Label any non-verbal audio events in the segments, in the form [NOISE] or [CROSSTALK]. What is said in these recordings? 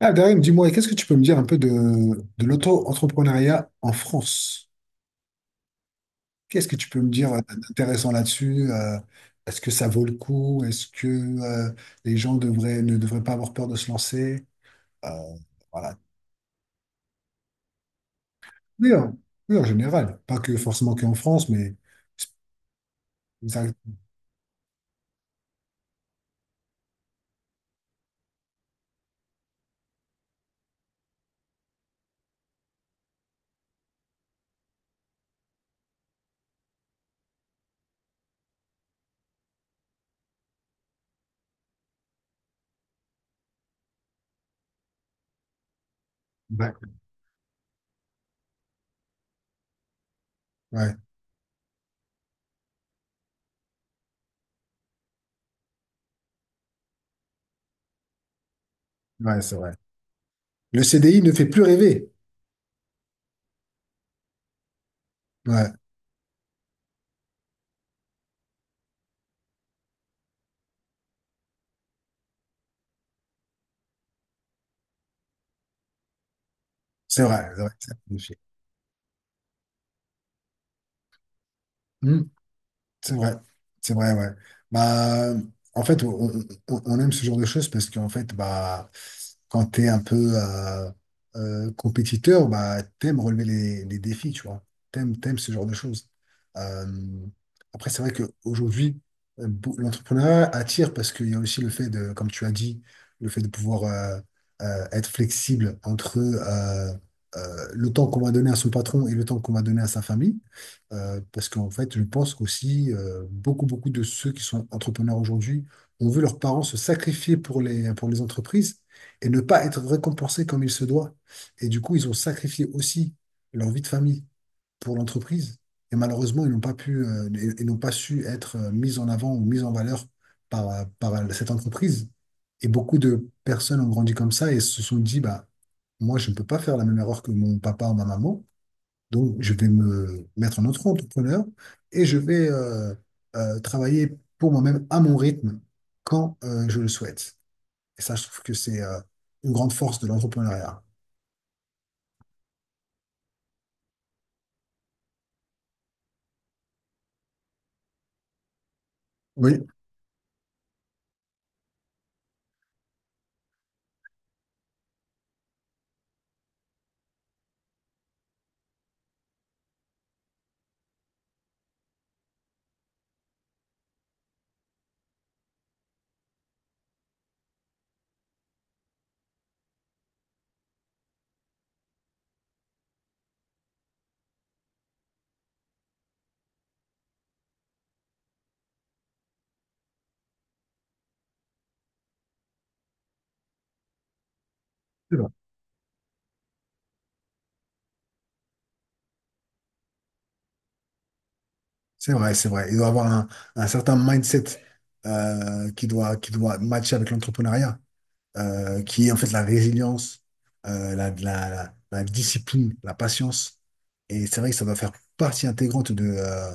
Ah, Darim, dis-moi, qu'est-ce que tu peux me dire un peu de l'auto-entrepreneuriat en France? Qu'est-ce que tu peux me dire d'intéressant là-dessus? Est-ce que ça vaut le coup? Est-ce que les gens ne devraient pas avoir peur de se lancer? Euh, voilà. Oui, oui, en général. Pas que forcément qu'en France, mais ça- ouais, ouais, ouais, c'est vrai. Le CDI ne fait plus rêver. Ouais, c'est vrai, ça me fait. C'est vrai, c'est vrai, ouais. Bah, en fait, on aime ce genre de choses parce qu'en fait, bah, quand t'es un peu compétiteur, bah, t'aimes relever les défis, tu vois. T'aimes ce genre de choses. Euh, Après, c'est vrai qu'aujourd'hui, l'entrepreneuriat attire parce qu'il y a aussi le fait de, comme tu as dit, le fait de pouvoir être flexible entre le temps qu'on va donner à son patron et le temps qu'on va donner à sa famille. Parce qu'en fait, je pense qu'aussi, beaucoup, beaucoup de ceux qui sont entrepreneurs aujourd'hui ont vu leurs parents se sacrifier pour les entreprises et ne pas être récompensés comme il se doit. Et du coup, ils ont sacrifié aussi leur vie de famille pour l'entreprise. Et malheureusement, ils n'ont pas pu, et n'ont pas su être mis en avant ou mis en valeur par cette entreprise. Et beaucoup de personnes ont grandi comme ça et se sont dit, bah, moi, je ne peux pas faire la même erreur que mon papa ou ma maman. Donc, je vais me mettre en auto-entrepreneur et je vais travailler pour moi-même à mon rythme quand je le souhaite. Et ça, je trouve que c'est une grande force de l'entrepreneuriat. Oui, c'est vrai, c'est vrai. C'est vrai. Il doit avoir un certain mindset qui doit, matcher avec l'entrepreneuriat, qui est en fait la résilience, la discipline, la patience. Et c'est vrai que ça doit faire partie intégrante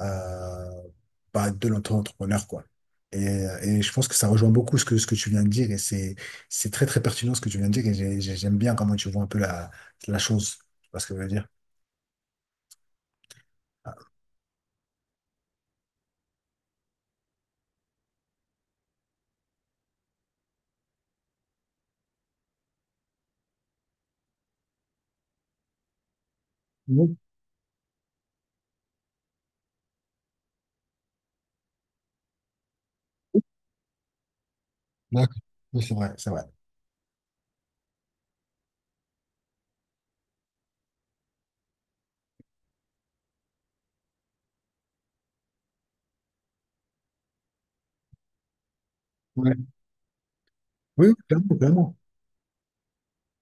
euh, de l'auto-entrepreneur, quoi. Et, et je pense que ça rejoint beaucoup ce que tu viens de dire et c'est très, très pertinent ce que tu viens de dire et j'aime bien comment tu vois un peu la chose. Tu vois ce que je veux dire? Ah, oui, d'accord. Oui, c'est vrai, c'est vrai. Ouais. Oui, oui, clairement, clairement.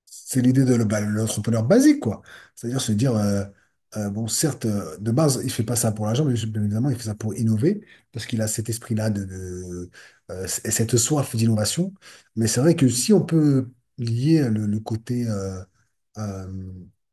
C'est l'idée de bah, l'entrepreneur basique, quoi. C'est-à-dire se dire, bon, certes, de base, il fait pas ça pour l'argent, mais bien évidemment, il fait ça pour innover, parce qu'il a cet esprit-là et cette soif d'innovation. Mais c'est vrai que si on peut lier le côté euh,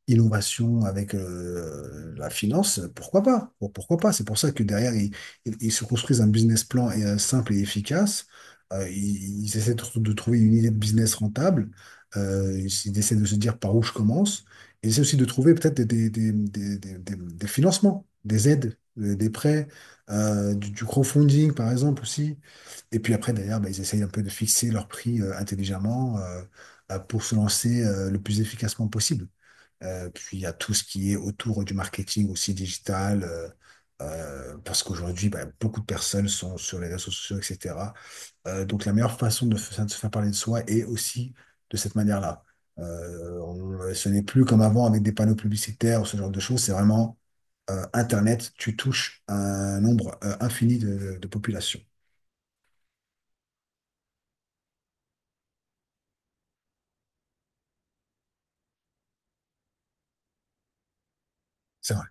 innovation avec la finance, pourquoi pas? Bon, pourquoi pas? C'est pour ça que derrière, ils se construisent un business plan simple et efficace. Ils essaient de trouver une idée de business rentable. Ils essaient de se dire par où je commence. Ils essaient aussi de trouver peut-être des financements, des aides, des prêts, du crowdfunding par exemple aussi. Et puis après, derrière, bah, ils essayent un peu de fixer leur prix intelligemment pour se lancer le plus efficacement possible. Puis il y a tout ce qui est autour du marketing aussi digital, parce qu'aujourd'hui, bah, beaucoup de personnes sont sur les réseaux sociaux, etc. Donc la meilleure façon de se faire parler de soi est aussi de cette manière-là. Ce n'est plus comme avant avec des panneaux publicitaires ou ce genre de choses, c'est vraiment Internet, tu touches un nombre infini de populations. C'est vrai.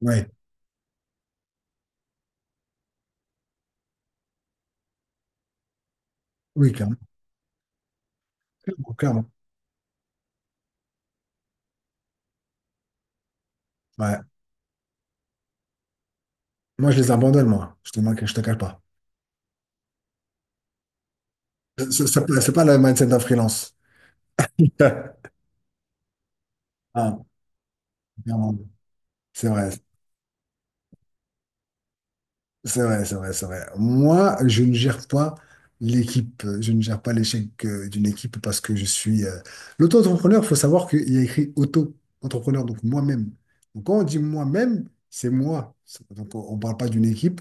Ouais. Oui, clairement. Clairement, clairement. Ouais. Moi, je les abandonne, moi. Je te manque, je te cache pas. C'est pas le mindset d'un freelance. [LAUGHS] Ah, clairement. C'est vrai. C'est vrai, c'est vrai, c'est vrai. Moi, je ne gère pas l'équipe, je ne gère pas l'échec d'une équipe parce que je suis l'auto-entrepreneur. Il faut savoir qu'il y a écrit auto-entrepreneur, donc moi-même. Donc quand on dit moi-même, c'est moi. Donc on ne parle pas d'une équipe,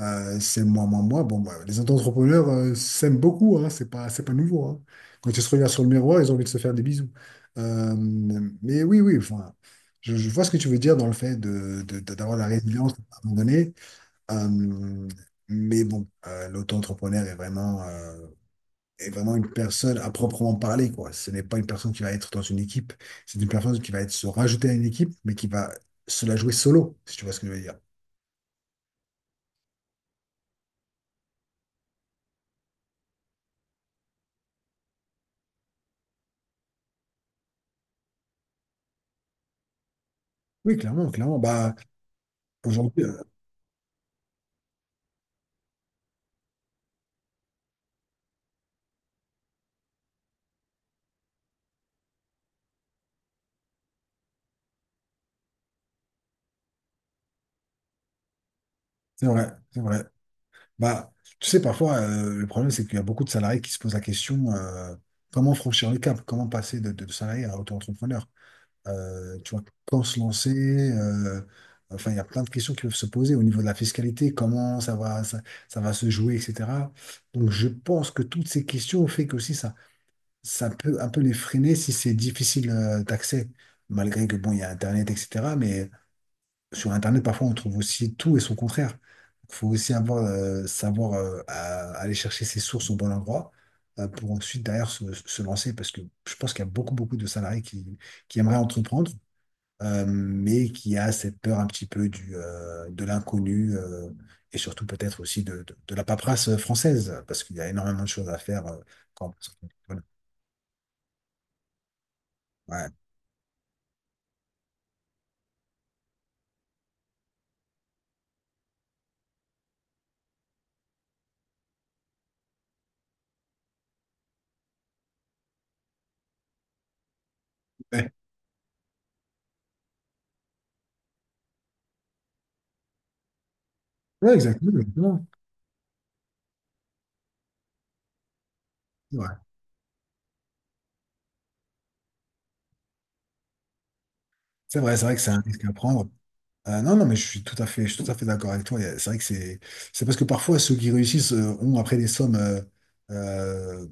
c'est moi, moi, moi. Bon, bah, les auto-entrepreneurs s'aiment beaucoup, hein, c'est pas nouveau, hein. Quand ils se regardent sur le miroir, ils ont envie de se faire des bisous. Euh, mais oui, oui, enfin, je vois ce que tu veux dire dans le fait d'avoir la résilience à un moment donné. Euh, mais bon, l'auto-entrepreneur est vraiment une personne à proprement parler, quoi. Ce n'est pas une personne qui va être dans une équipe, c'est une personne qui va être se rajouter à une équipe, mais qui va se la jouer solo, si tu vois ce que je veux dire. Oui, clairement, clairement. Bah, aujourd'hui, c'est vrai, c'est vrai. Bah, tu sais, parfois, le problème, c'est qu'il y a beaucoup de salariés qui se posent la question, comment franchir le cap, comment passer de salarié à auto-entrepreneur. Tu vois, quand se lancer euh, enfin, il y a plein de questions qui peuvent se poser au niveau de la fiscalité, comment ça va se jouer, etc. Donc, je pense que toutes ces questions fait que aussi ça peut un peu les freiner si c'est difficile d'accès, malgré que, bon, il y a Internet, etc. Mais sur Internet, parfois, on trouve aussi tout et son contraire. Il faut aussi savoir aller chercher ses sources au bon endroit pour ensuite, derrière, se lancer, parce que je pense qu'il y a beaucoup, beaucoup de salariés qui, aimeraient entreprendre mais qui a cette peur un petit peu de l'inconnu et surtout peut-être aussi de la paperasse française, parce qu'il y a énormément de choses à faire quand on passe au téléphone. Ouais. [LAUGHS] Ouais, exactement, exactement. C'est vrai, c'est vrai, c'est vrai que c'est un risque à prendre. Ah non, non, mais je suis tout à fait d'accord avec toi. C'est vrai que c'est parce que parfois ceux qui réussissent ont après des sommes euh,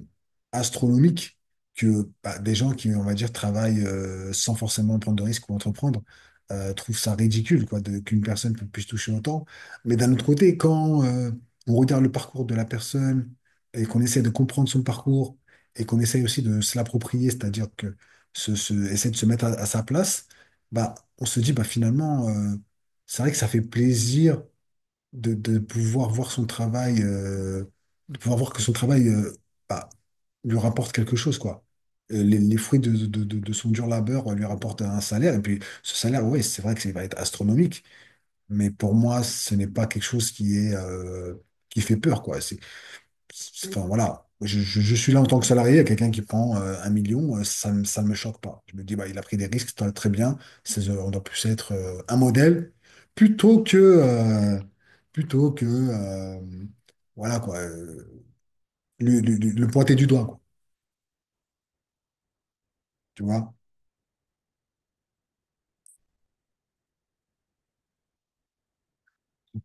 astronomiques que bah, des gens qui, on va dire, travaillent sans forcément prendre de risques ou entreprendre trouvent ça ridicule, quoi, qu'une personne puisse toucher autant. Mais d'un autre côté, quand on regarde le parcours de la personne et qu'on essaie de comprendre son parcours et qu'on essaie aussi de se l'approprier, c'est-à-dire que essayer de se mettre à sa place, bah, on se dit, bah, finalement, c'est vrai que ça fait plaisir de pouvoir voir son travail, de pouvoir voir que son travail bah, lui rapporte quelque chose, quoi. Les fruits de son dur labeur lui rapportent un salaire, et puis ce salaire, oui, c'est vrai que ça va être astronomique, mais pour moi, ce n'est pas quelque chose qui fait peur, quoi. Enfin, voilà. Je suis là en tant que salarié, il y a quelqu'un qui prend 1 million, ça ne me, ça me choque pas. Je me dis, bah, il a pris des risques, très très bien. On doit plus être un modèle plutôt que, euh, plutôt que voilà, quoi, le pointer du doigt, quoi. Tu vois?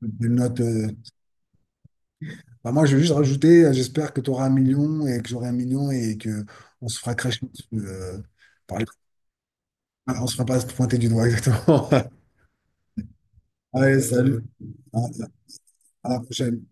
Des notes, bah, moi, je vais juste rajouter, j'espère que tu auras 1 million et que j'aurai 1 million et que on se fera cracher dessus. Par les- On se fera pas pointer du doigt, [LAUGHS] exactement. Allez, salut. à à la prochaine.